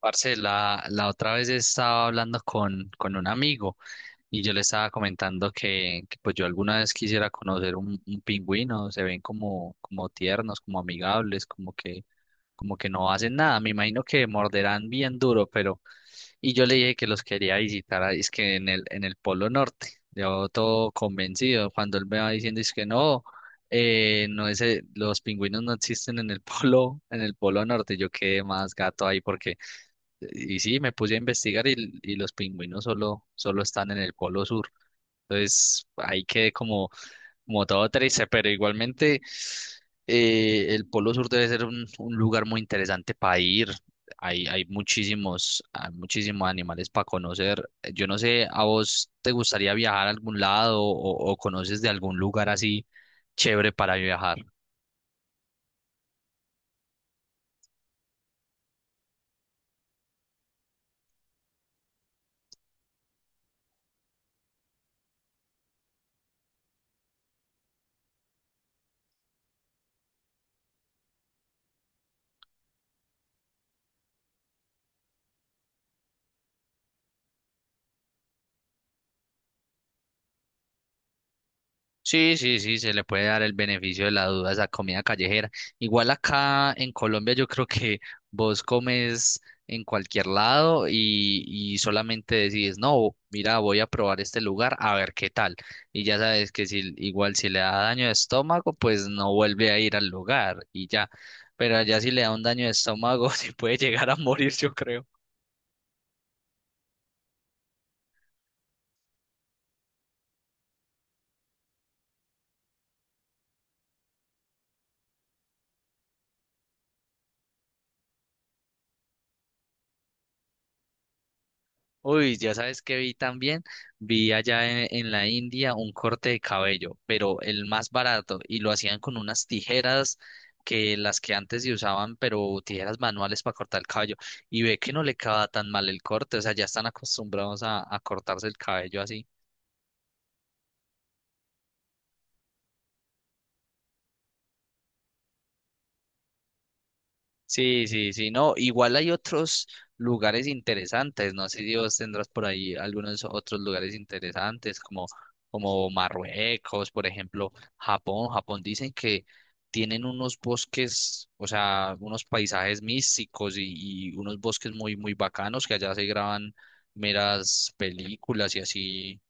Parce, la otra vez estaba hablando con un amigo y yo le estaba comentando que yo alguna vez quisiera conocer un pingüino, se ven como tiernos, como amigables, como que no hacen nada, me imagino que morderán bien duro, pero, y yo le dije que los quería visitar, ahí, es que en el Polo Norte, yo todo convencido, cuando él me va diciendo es que no, no es, los pingüinos no existen en el polo, en el Polo Norte. Yo quedé más gato ahí porque y sí, me puse a investigar y los pingüinos solo están en el Polo Sur. Entonces ahí quedé como, como todo triste, pero igualmente el Polo Sur debe ser un lugar muy interesante para ir. Hay muchísimos animales para conocer. Yo no sé, ¿a vos te gustaría viajar a algún lado o conoces de algún lugar así chévere para viajar? Sí, sí, sí, se le puede dar el beneficio de la duda a esa comida callejera. Igual acá en Colombia yo creo que vos comes en cualquier lado y solamente decides, no, mira, voy a probar este lugar a ver qué tal. Y ya sabes que si igual si le da daño de estómago, pues no vuelve a ir al lugar y ya. Pero allá si le da un daño de estómago, se puede llegar a morir, yo creo. Uy, ya sabes que vi también, vi allá en la India un corte de cabello, pero el más barato, y lo hacían con unas tijeras que las que antes se usaban, pero tijeras manuales para cortar el cabello, y ve que no le queda tan mal el corte, o sea, ya están acostumbrados a cortarse el cabello así. Sí, sí, sí, no, igual hay otros lugares interesantes, no sé si vos tendrás por ahí algunos otros lugares interesantes como, como Marruecos, por ejemplo, Japón. Japón dicen que tienen unos bosques, o sea, unos paisajes místicos y unos bosques muy bacanos, que allá se graban meras películas y así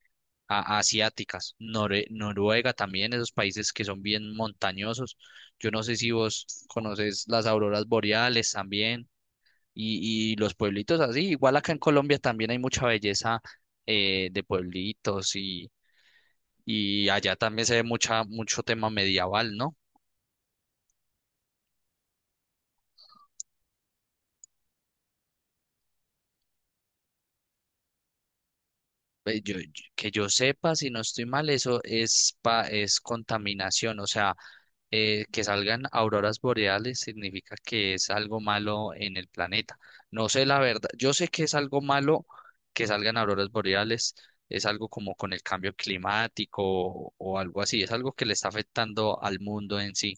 asiáticas. Noruega también, esos países que son bien montañosos. Yo no sé si vos conoces las auroras boreales también y los pueblitos así. Igual acá en Colombia también hay mucha belleza de pueblitos y allá también se ve mucho tema medieval, ¿no? Que yo sepa, si no estoy mal, eso es, es contaminación, o sea, que salgan auroras boreales significa que es algo malo en el planeta. No sé la verdad, yo sé que es algo malo que salgan auroras boreales, es algo como con el cambio climático o algo así, es algo que le está afectando al mundo en sí,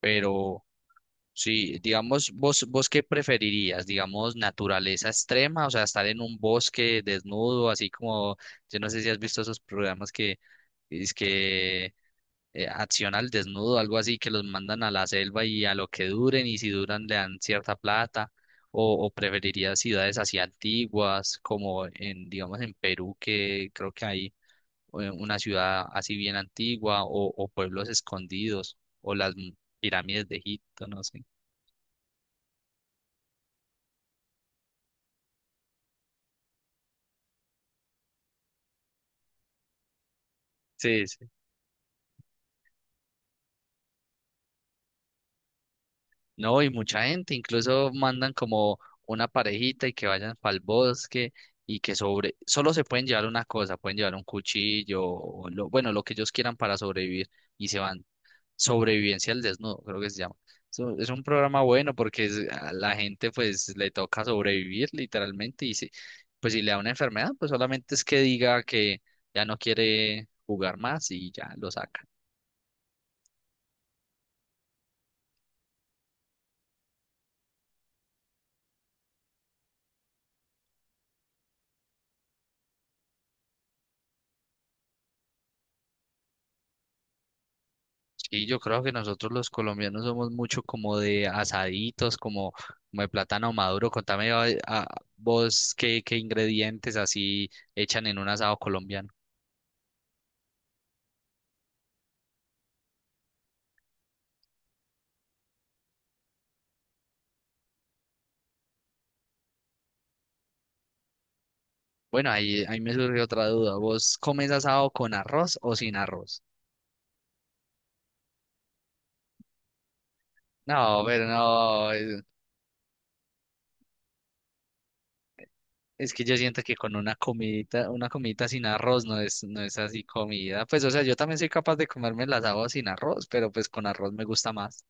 pero sí. Digamos, vos qué preferirías, digamos, naturaleza extrema, o sea, estar en un bosque desnudo, así como, yo no sé si has visto esos programas que... Es que acción al desnudo, algo así, que los mandan a la selva y a lo que duren, y si duran le dan cierta plata, o preferiría ciudades así antiguas, como en, digamos, en Perú, que creo que hay una ciudad así bien antigua, o pueblos escondidos, o las pirámides de Egipto, no sé. Sí. No, y mucha gente, incluso mandan como una parejita y que vayan para el bosque y que sobre, solo se pueden llevar una cosa, pueden llevar un cuchillo o lo, bueno, lo que ellos quieran para sobrevivir y se van. Sobrevivencia al desnudo, creo que se llama. Es un programa bueno porque a la gente pues le toca sobrevivir literalmente y si, pues si le da una enfermedad, pues solamente es que diga que ya no quiere jugar más y ya lo saca. Sí, yo creo que nosotros los colombianos somos mucho como de asaditos, como, como de plátano maduro. Contame a vos qué ingredientes así echan en un asado colombiano. Bueno, ahí, ahí me surge otra duda. ¿Vos comes asado con arroz o sin arroz? No, pero no, es que yo siento que con una comidita sin arroz no es, no es así comida. Pues, o sea, yo también soy capaz de comerme el asado sin arroz, pero pues con arroz me gusta más.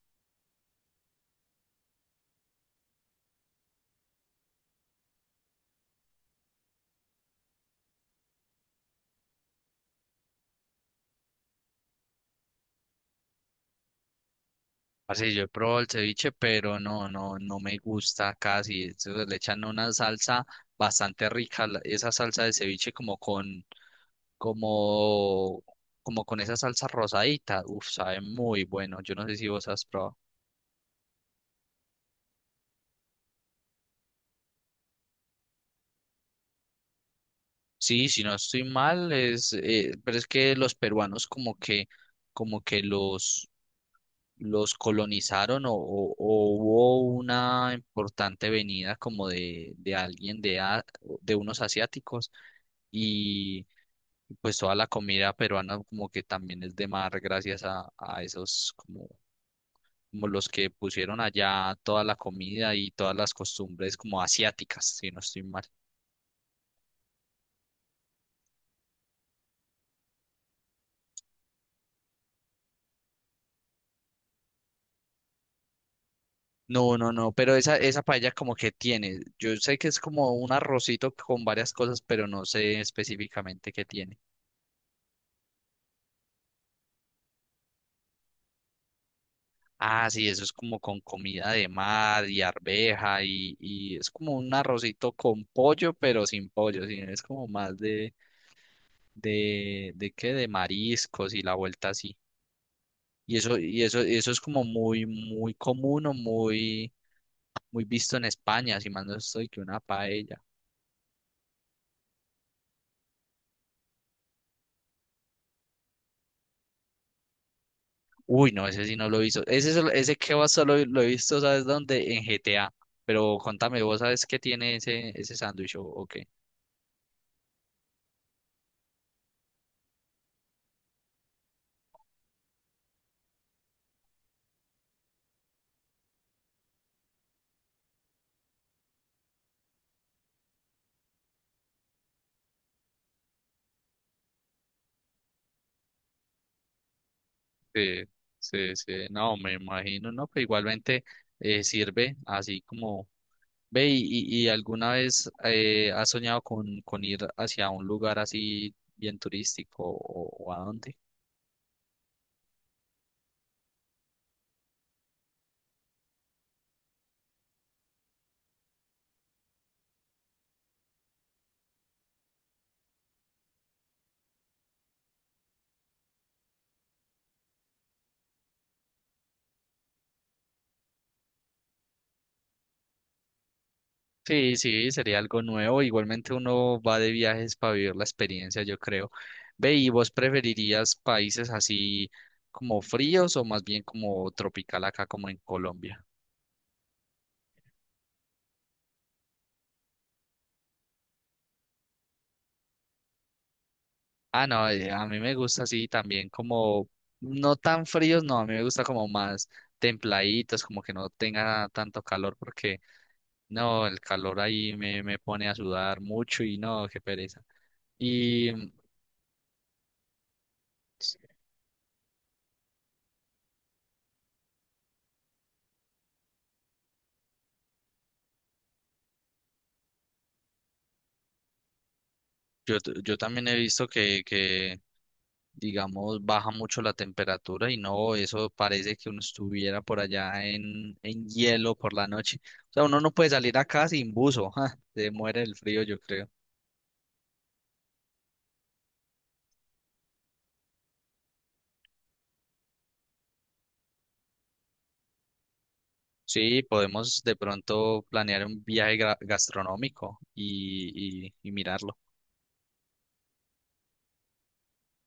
Así yo he probado el ceviche, pero no, no, no me gusta casi. Eso le echan una salsa bastante rica, esa salsa de ceviche como con, como, como con esa salsa rosadita. Uf, sabe muy bueno. Yo no sé si vos has probado. Sí, si no estoy mal, es, pero es que los peruanos como que los colonizaron, o hubo una importante venida como de alguien de unos asiáticos y pues toda la comida peruana como que también es de mar gracias a esos como, como los que pusieron allá toda la comida y todas las costumbres como asiáticas, si no estoy mal. No, no, no, pero esa paella como que tiene, yo sé que es como un arrocito con varias cosas, pero no sé específicamente qué tiene. Ah, sí, eso es como con comida de mar y arveja y es como un arrocito con pollo, pero sin pollo, sí, es como más de qué, de mariscos y la vuelta así. Y eso es como muy común o muy visto en España, si más no estoy que una paella. Uy, no, ese sí no lo he visto. Ese, ese va solo lo he visto, ¿sabes dónde? En GTA. Pero contame, ¿vos sabes qué tiene ese sándwich o qué? Sí, sí, sí, no, me imagino, no, pero igualmente sirve así como, ve, y alguna vez has soñado con ir hacia un lugar así bien turístico, o a dónde? Sí, sí, sería algo nuevo, igualmente uno va de viajes para vivir la experiencia, yo creo. Ve, ¿y vos preferirías países así como fríos o más bien como tropical acá como en Colombia? Ah, no, a mí me gusta así también como, no tan fríos, no, a mí me gusta como más templaditos, como que no tenga tanto calor, porque no, el calor ahí me, me pone a sudar mucho y no, qué pereza. Y yo, yo también he visto que, digamos, baja mucho la temperatura y no, eso parece que uno estuviera por allá en hielo por la noche. O sea, uno no puede salir acá sin buzo, ja, se muere el frío, yo creo. Sí, podemos de pronto planear un viaje gastronómico y mirarlo.